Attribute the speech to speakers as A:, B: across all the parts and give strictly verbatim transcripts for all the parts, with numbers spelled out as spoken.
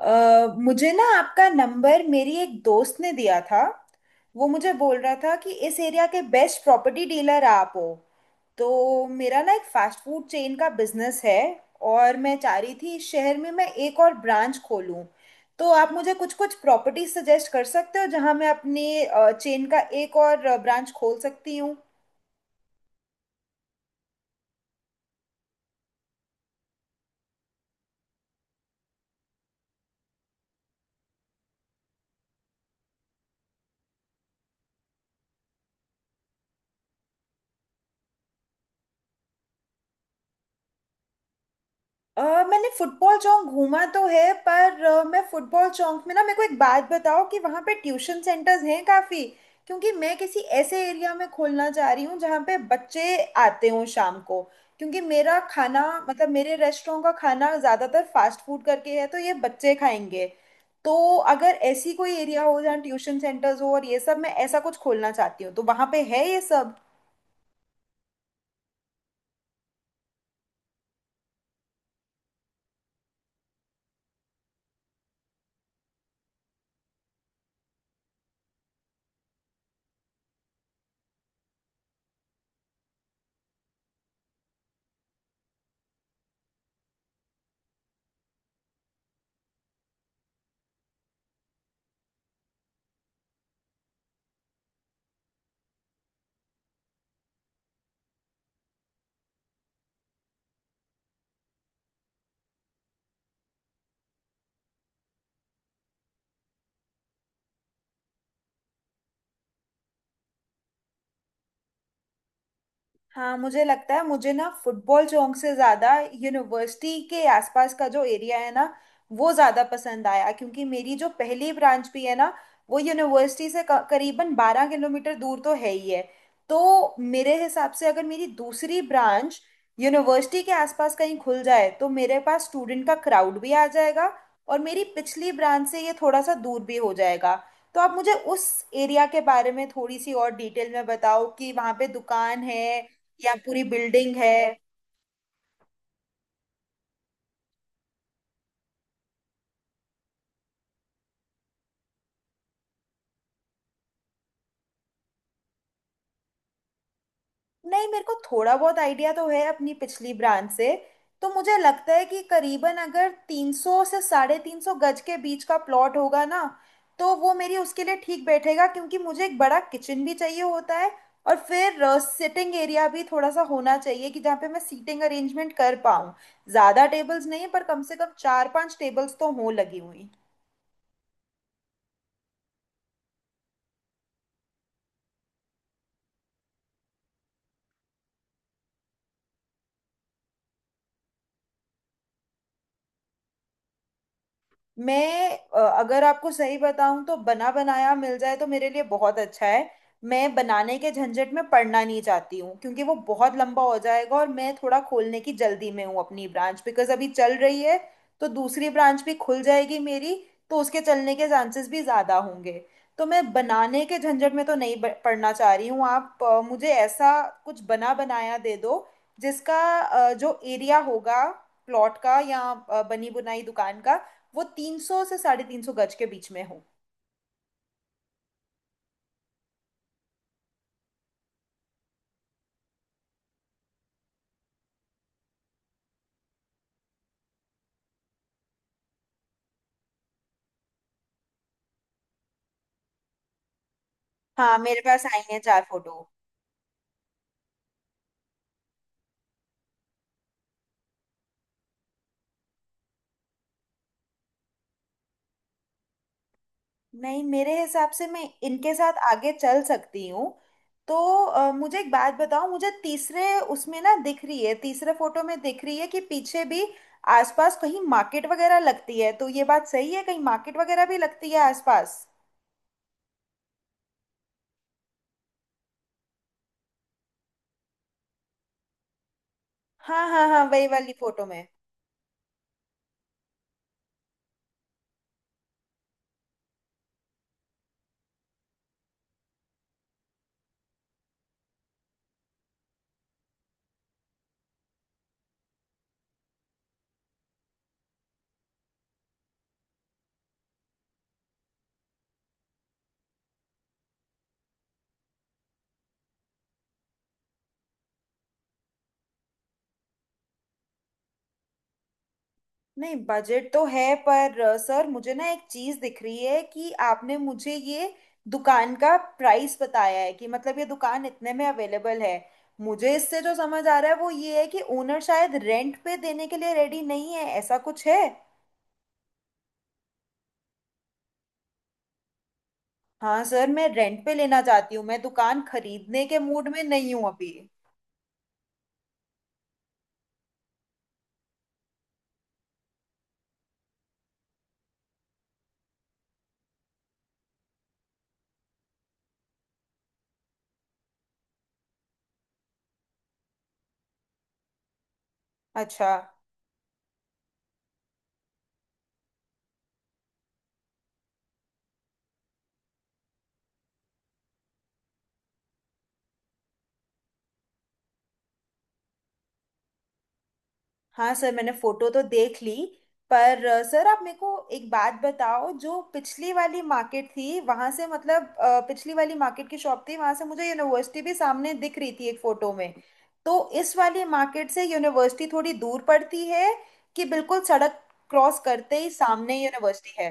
A: अ, मुझे ना आपका नंबर मेरी एक दोस्त ने दिया था। वो मुझे बोल रहा था कि इस एरिया के बेस्ट प्रॉपर्टी डीलर आप हो। तो मेरा ना एक फास्ट फूड चेन का बिजनेस है, और मैं चाह रही थी इस शहर में मैं एक और ब्रांच खोलूं। तो आप मुझे कुछ कुछ प्रॉपर्टी सजेस्ट कर सकते हो जहाँ मैं अपने चेन का एक और ब्रांच खोल सकती हूँ। अ, मैंने फुटबॉल चौक घूमा तो है, पर अ, मैं फुटबॉल चौक में ना, मेरे को एक बात बताओ कि वहाँ पे ट्यूशन सेंटर्स हैं काफ़ी। क्योंकि मैं किसी ऐसे एरिया में खोलना चाह रही हूँ जहाँ पे बच्चे आते हों शाम को, क्योंकि मेरा खाना, मतलब मेरे रेस्टोरेंट का खाना ज़्यादातर फास्ट फूड करके है, तो ये बच्चे खाएंगे। तो अगर ऐसी कोई एरिया हो जहाँ ट्यूशन सेंटर्स हो और ये सब, मैं ऐसा कुछ खोलना चाहती हूँ तो वहाँ पे है ये सब। हाँ, मुझे लगता है, मुझे ना फुटबॉल चौक से ज्यादा यूनिवर्सिटी के आसपास का जो एरिया है ना, वो ज्यादा पसंद आया। क्योंकि मेरी जो पहली ब्रांच भी है ना, वो यूनिवर्सिटी से क- करीबन बारह किलोमीटर दूर तो है ही है। तो मेरे हिसाब से अगर मेरी दूसरी ब्रांच यूनिवर्सिटी के आसपास कहीं खुल जाए, तो मेरे पास स्टूडेंट का क्राउड भी आ जाएगा, और मेरी पिछली ब्रांच से ये थोड़ा सा दूर भी हो जाएगा। तो आप मुझे उस एरिया के बारे में थोड़ी सी और डिटेल में बताओ कि वहाँ पे दुकान है या पूरी बिल्डिंग है। नहीं, मेरे को थोड़ा बहुत आइडिया तो है अपनी पिछली ब्रांच से। तो मुझे लगता है कि करीबन अगर तीन सौ से साढ़े तीन सौ गज के बीच का प्लॉट होगा ना, तो वो मेरी उसके लिए ठीक बैठेगा। क्योंकि मुझे एक बड़ा किचन भी चाहिए होता है, और फिर सिटिंग एरिया भी थोड़ा सा होना चाहिए कि जहाँ पे मैं सीटिंग अरेंजमेंट कर पाऊँ। ज़्यादा टेबल्स नहीं, पर कम से कम चार पांच टेबल्स तो हों लगी हुई। मैं, अ, अगर आपको सही बताऊं तो बना बनाया मिल जाए तो मेरे लिए बहुत अच्छा है। मैं बनाने के झंझट में पड़ना नहीं चाहती हूँ, क्योंकि वो बहुत लंबा हो जाएगा, और मैं थोड़ा खोलने की जल्दी में हूँ अपनी ब्रांच बिकॉज अभी चल रही है। तो दूसरी ब्रांच भी खुल जाएगी मेरी, तो उसके चलने के चांसेस भी ज़्यादा होंगे। तो मैं बनाने के झंझट में तो नहीं ब- पड़ना चाह रही हूँ। आप अ, मुझे ऐसा कुछ बना बनाया दे दो, जिसका अ, जो एरिया होगा प्लॉट का या अ, बनी बुनाई दुकान का, वो तीन सौ से साढ़े तीन सौ गज के बीच में हो। हाँ, मेरे पास आई है चार फोटो। नहीं, मेरे हिसाब से मैं इनके साथ आगे चल सकती हूँ। तो अ, मुझे एक बात बताओ, मुझे तीसरे, उसमें ना दिख रही है, तीसरे फोटो में दिख रही है कि पीछे भी आसपास कहीं मार्केट वगैरह लगती है। तो ये बात सही है, कहीं मार्केट वगैरह भी लगती है आसपास? हाँ हाँ हाँ, वही वाली फोटो में। नहीं, बजट तो है, पर अ, सर मुझे ना एक चीज दिख रही है कि आपने मुझे ये दुकान का प्राइस बताया है कि मतलब ये दुकान इतने में अवेलेबल है। मुझे इससे जो समझ आ रहा है वो ये है कि ओनर शायद रेंट पे देने के लिए रेडी नहीं है, ऐसा कुछ है? हाँ सर, मैं रेंट पे लेना चाहती हूँ, मैं दुकान खरीदने के मूड में नहीं हूँ अभी। अच्छा। हाँ सर, मैंने फोटो तो देख ली, पर अ, सर आप मेरे को एक बात बताओ, जो पिछली वाली मार्केट थी वहां से, मतलब अ, पिछली वाली मार्केट की शॉप थी वहां से, मुझे यूनिवर्सिटी भी सामने दिख रही थी एक फोटो में। तो इस वाली मार्केट से यूनिवर्सिटी थोड़ी दूर पड़ती है, कि बिल्कुल सड़क क्रॉस करते ही सामने यूनिवर्सिटी है?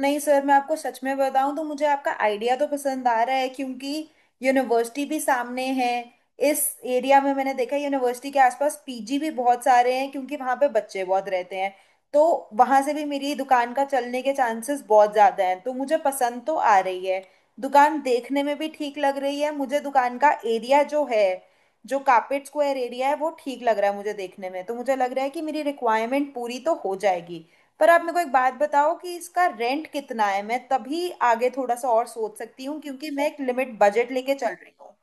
A: नहीं सर, मैं आपको सच में बताऊं तो मुझे आपका आइडिया तो पसंद आ रहा है, क्योंकि यूनिवर्सिटी भी सामने है। इस एरिया में मैंने देखा है यूनिवर्सिटी के आसपास पीजी भी बहुत सारे हैं, क्योंकि वहां पे बच्चे बहुत रहते हैं। तो वहां से भी मेरी दुकान का चलने के चांसेस बहुत ज्यादा हैं, तो मुझे पसंद तो आ रही है। दुकान देखने में भी ठीक लग रही है मुझे, दुकान का एरिया जो है, जो कार्पेट स्क्वायर एरिया है वो ठीक लग रहा है मुझे देखने में। तो मुझे लग रहा है कि मेरी रिक्वायरमेंट पूरी तो हो जाएगी, पर आप मेरे को एक बात बताओ कि इसका रेंट कितना है, मैं तभी आगे थोड़ा सा और सोच सकती हूँ, क्योंकि मैं एक लिमिट बजट लेके चल रही हूँ।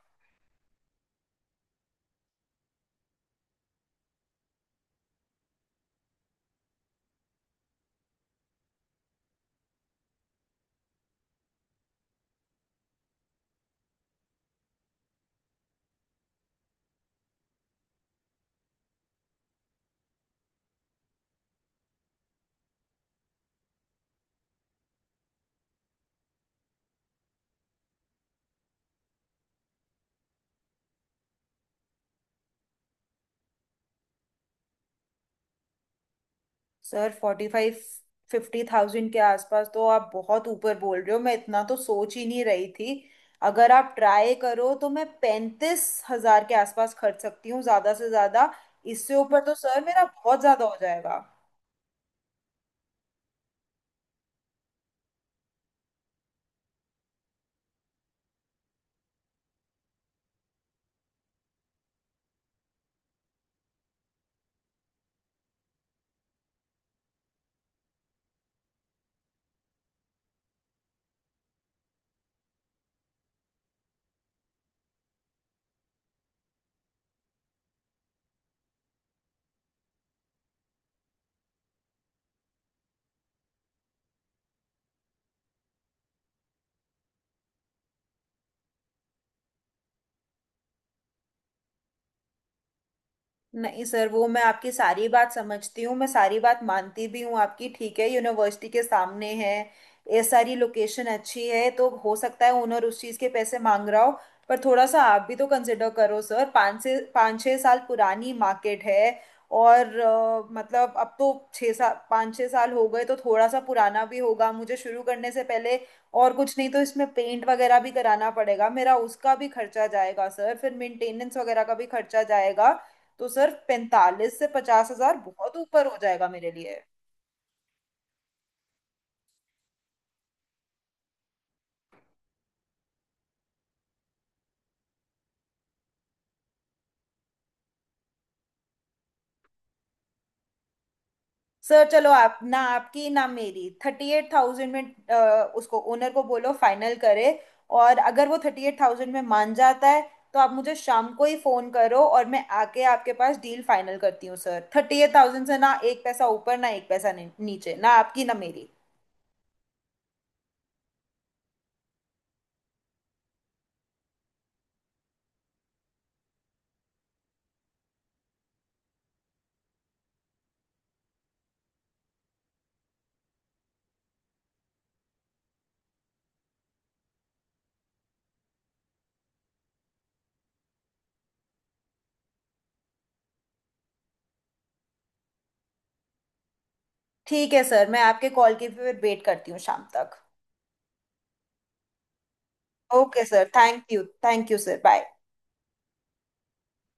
A: Sir, forty five fifty thousand के आसपास तो आप बहुत ऊपर बोल रहे हो, मैं इतना तो सोच ही नहीं रही थी। अगर आप ट्राई करो तो मैं पैंतीस हजार के आसपास खर्च सकती हूँ ज्यादा से ज्यादा। इससे ऊपर तो सर मेरा बहुत ज्यादा हो जाएगा। नहीं सर, वो मैं आपकी सारी बात समझती हूँ, मैं सारी बात मानती भी हूँ आपकी। ठीक है, यूनिवर्सिटी के सामने है, ये सारी लोकेशन अच्छी है, तो हो सकता है ओनर उस चीज़ के पैसे मांग रहा हो। पर थोड़ा सा आप भी तो कंसिडर करो सर, पाँच से पाँच छः साल पुरानी मार्केट है। और अ, मतलब अब तो छः साल, पाँच छः साल हो गए, तो थोड़ा सा पुराना भी होगा। मुझे शुरू करने से पहले और कुछ नहीं तो इसमें पेंट वगैरह भी कराना पड़ेगा, मेरा उसका भी खर्चा जाएगा सर, फिर मेंटेनेंस वगैरह का भी खर्चा जाएगा। तो सर पैंतालीस से पचास हजार बहुत ऊपर हो जाएगा मेरे लिए। सर चलो, आप ना, आपकी ना मेरी, थर्टी एट थाउजेंड में अ, उसको, ओनर को बोलो फाइनल करे। और अगर वो थर्टी एट थाउजेंड में मान जाता है, तो आप मुझे शाम को ही फोन करो, और मैं आके आपके पास डील फाइनल करती हूँ। सर, थर्टी एट थाउजेंड से ना एक पैसा ऊपर ना एक पैसा नी- नीचे, ना आपकी ना मेरी। ठीक है सर, मैं आपके कॉल की फिर वेट करती हूँ शाम तक। Okay sir, thank you, thank you sir, bye.